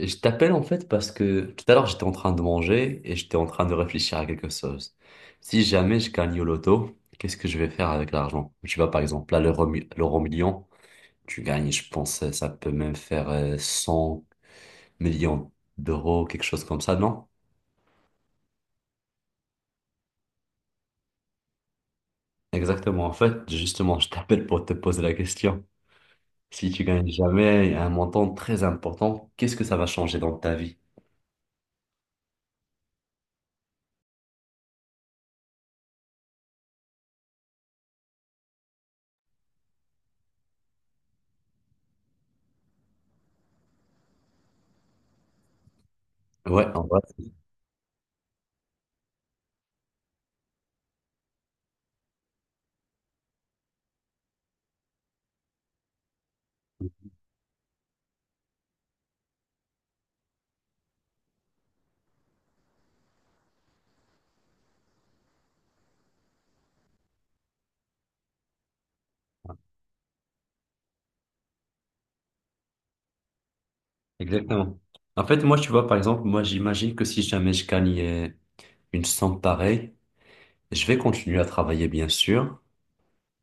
Je t'appelle en fait parce que tout à l'heure j'étais en train de manger et j'étais en train de réfléchir à quelque chose. Si jamais je gagne au loto, qu'est-ce que je vais faire avec l'argent? Tu vois par exemple là l'euro million, tu gagnes, je pense ça peut même faire 100 millions d'euros, quelque chose comme ça, non? Exactement, en fait justement je t'appelle pour te poser la question. Si tu gagnes jamais un montant très important, qu'est-ce que ça va changer dans ta vie? Ouais, en vrai. Exactement. En fait, moi, tu vois, par exemple, moi, j'imagine que si jamais je gagnais une somme pareille, je vais continuer à travailler, bien sûr,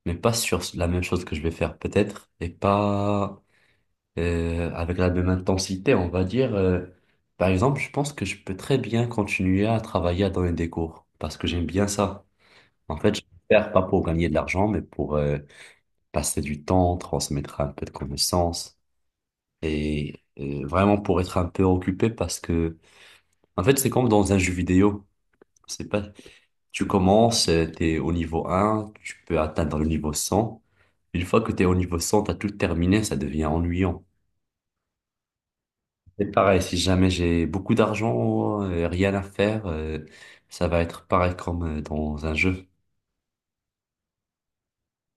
mais pas sur la même chose que je vais faire, peut-être, et pas avec la même intensité, on va dire. Par exemple, je pense que je peux très bien continuer à travailler à donner des cours, parce que j'aime bien ça. En fait, je vais faire pas pour gagner de l'argent, mais pour passer du temps, transmettre un peu de connaissances, et vraiment pour être un peu occupé, parce que en fait, c'est comme dans un jeu vidéo. C'est pas, tu commences, t'es au niveau 1, tu peux atteindre le niveau 100. Une fois que t'es au niveau 100, t'as tout terminé, ça devient ennuyant. C'est pareil, si jamais j'ai beaucoup d'argent, rien à faire, ça va être pareil comme dans un jeu.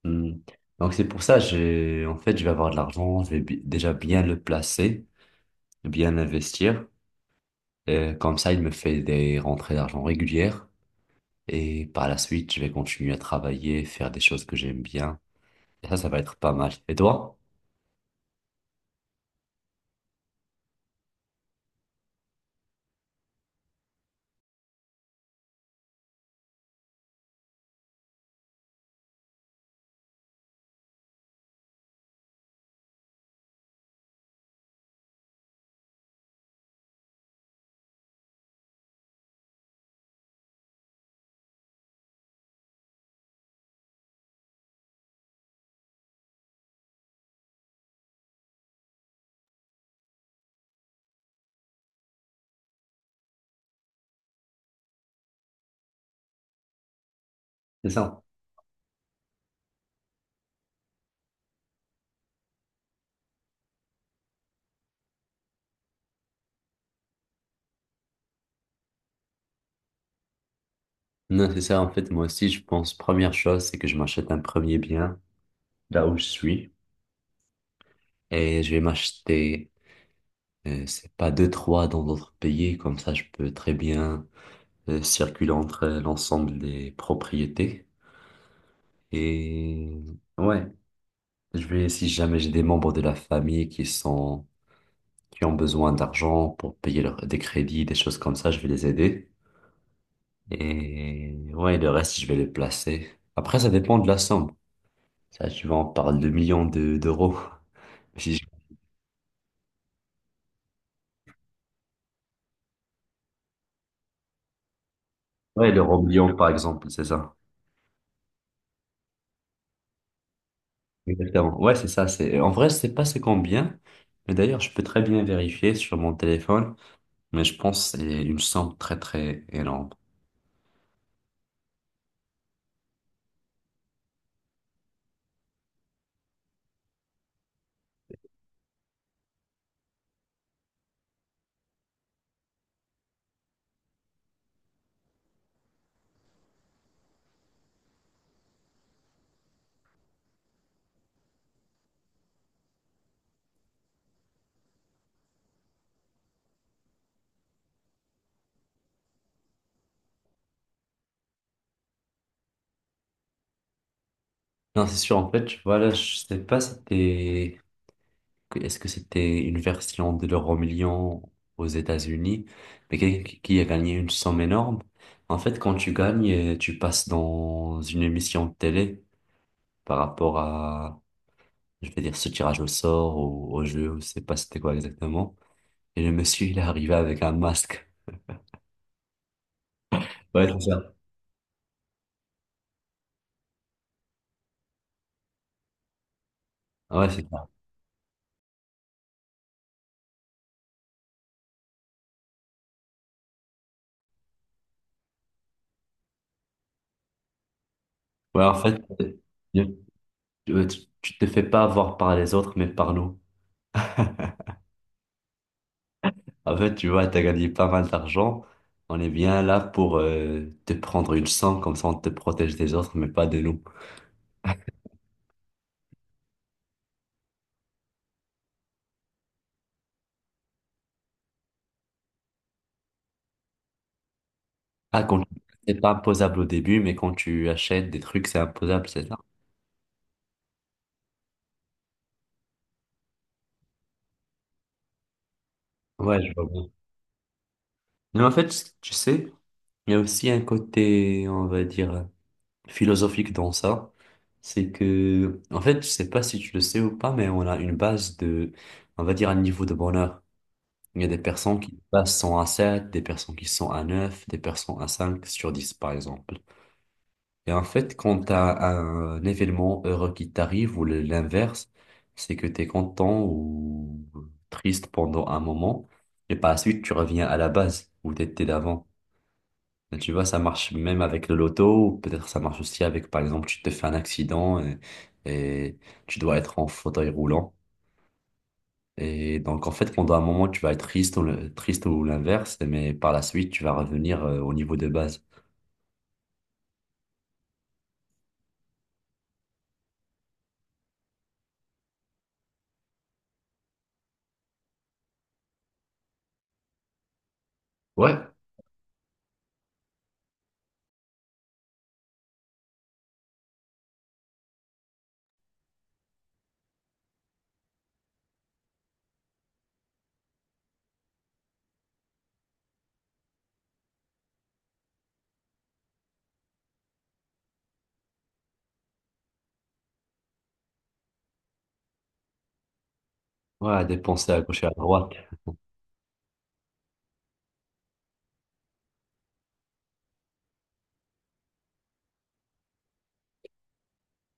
Hmm. Donc c'est pour ça, j'ai, en fait, je vais avoir de l'argent, je vais déjà bien le placer, bien l'investir. Et comme ça, il me fait des rentrées d'argent régulières. Et par la suite, je vais continuer à travailler, faire des choses que j'aime bien. Et ça va être pas mal. Et toi? C'est ça. Non, c'est ça. En fait, moi aussi, je pense, première chose, c'est que je m'achète un premier bien là où je suis. Et je vais m'acheter, c'est pas deux, trois dans d'autres pays. Comme ça, je peux très bien circuler entre l'ensemble des propriétés. Et ouais, je vais, si jamais j'ai des membres de la famille qui sont, qui ont besoin d'argent pour payer des crédits, des choses comme ça, je vais les aider. Et ouais, le reste, je vais le placer. Après, ça dépend de la somme. Ça, tu vois, on parle de d'euros. Si je- Ouais, l'euro million, par exemple, c'est ça. Exactement. Ouais, c'est ça. C'est… en vrai, je sais pas c'est combien. Mais d'ailleurs, je peux très bien vérifier sur mon téléphone. Mais je pense que c'est une somme très, très énorme. Non, c'est sûr. En fait, voilà, je sais pas si t'es… Est-ce que c'était une version de l'euro million aux États-Unis, mais qui a gagné une somme énorme? En fait, quand tu gagnes, tu passes dans une émission de télé par rapport à, je vais dire, ce tirage au sort ou au jeu, je sais pas c'était quoi exactement. Et le monsieur, il est arrivé avec un masque. Ouais, c'est ça. Ouais, c'est ça. Ouais, en fait, tu te fais pas avoir par les autres, mais par nous. En fait, tu vois, t'as gagné pas mal d'argent. On est bien là pour te prendre une sang, comme ça on te protège des autres, mais pas de nous. Ah, quand c'est pas imposable au début, mais quand tu achètes des trucs, c'est imposable, c'est ça? Ouais, je vois bien. Mais en fait, tu sais, il y a aussi un côté, on va dire, philosophique dans ça. C'est que, en fait, je sais pas si tu le sais ou pas, mais on a une base de, on va dire, un niveau de bonheur. Il y a des personnes qui passent 100 à 7, des personnes qui sont à 9, des personnes à 5 sur 10, par exemple. Et en fait, quand tu as un événement heureux qui t'arrive ou l'inverse, c'est que tu es content ou triste pendant un moment, et par la suite, tu reviens à la base où tu étais d'avant. Et tu vois, ça marche même avec le loto, ou peut-être ça marche aussi avec, par exemple, tu te fais un accident et tu dois être en fauteuil roulant. Et donc, en fait, pendant un moment, tu vas être triste ou, triste ou l'inverse, mais par la suite, tu vas revenir au niveau de base. Ouais, ouais, à dépenser à gauche et à droite.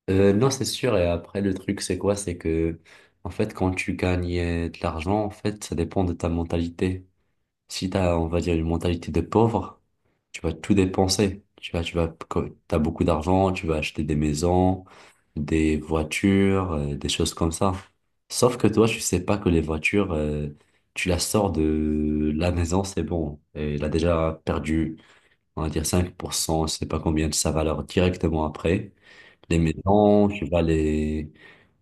Non, c'est sûr. Et après, le truc, c'est quoi? C'est que, en fait, quand tu gagnes de l'argent, en fait, ça dépend de ta mentalité. Si t'as, on va dire, une mentalité de pauvre, tu vas tout dépenser. Tu vas, t'as beaucoup d'argent, tu vas acheter des maisons, des voitures, des choses comme ça. Sauf que toi, tu sais pas que les voitures, tu la sors de la maison, c'est bon. Et elle a déjà perdu, on va dire, 5%, je sais pas combien de sa valeur directement après. Les maisons, tu vas les,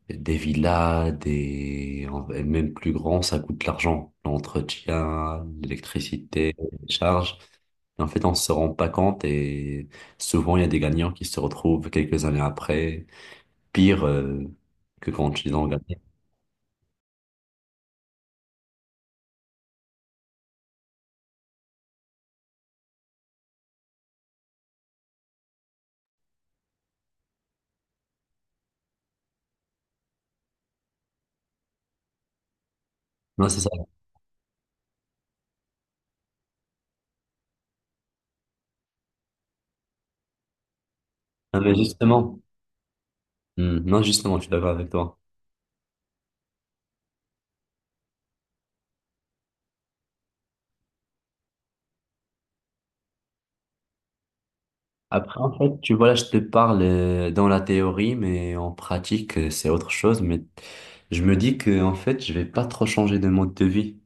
des villas, même plus grands, ça coûte de l'argent. L'entretien, l'électricité, les charges. Et en fait, on se rend pas compte et souvent, il y a des gagnants qui se retrouvent quelques années après, pire que quand ils ont gagné. Non, c'est ça. Non, mais justement, hmm, non, justement, je suis d'accord avec toi. Après, en fait, tu vois, là, je te parle dans la théorie, mais en pratique, c'est autre chose. Mais je me dis que, en fait, je vais pas trop changer de mode de vie.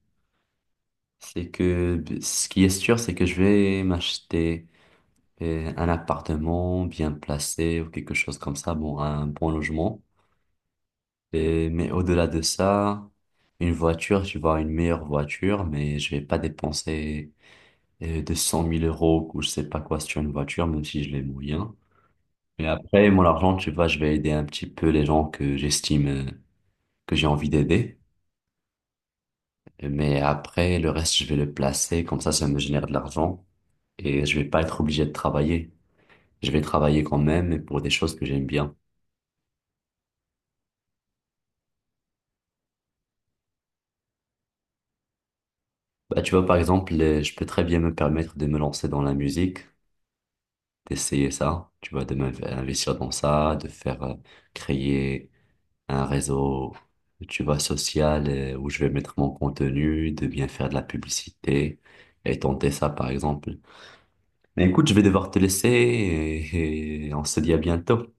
C'est que ce qui est sûr, c'est que je vais m'acheter un appartement bien placé ou quelque chose comme ça, bon, un bon logement. Mais au-delà de ça, une voiture, tu vois, une meilleure voiture, mais je vais pas dépenser 200 000 euros ou je sais pas quoi sur une voiture, même si je les moyens. Mais après, mon argent, tu vois, je vais aider un petit peu les gens que j'estime que j'ai envie d'aider. Mais après, le reste, je vais le placer, comme ça me génère de l'argent et je vais pas être obligé de travailler. Je vais travailler quand même et pour des choses que j'aime bien. Bah, tu vois, par exemple, je peux très bien me permettre de me lancer dans la musique, d'essayer ça, tu vois, de m'investir dans ça, de faire créer un réseau, tu vois, social où je vais mettre mon contenu, de bien faire de la publicité et tenter ça, par exemple. Mais écoute, je vais devoir te laisser et on se dit à bientôt.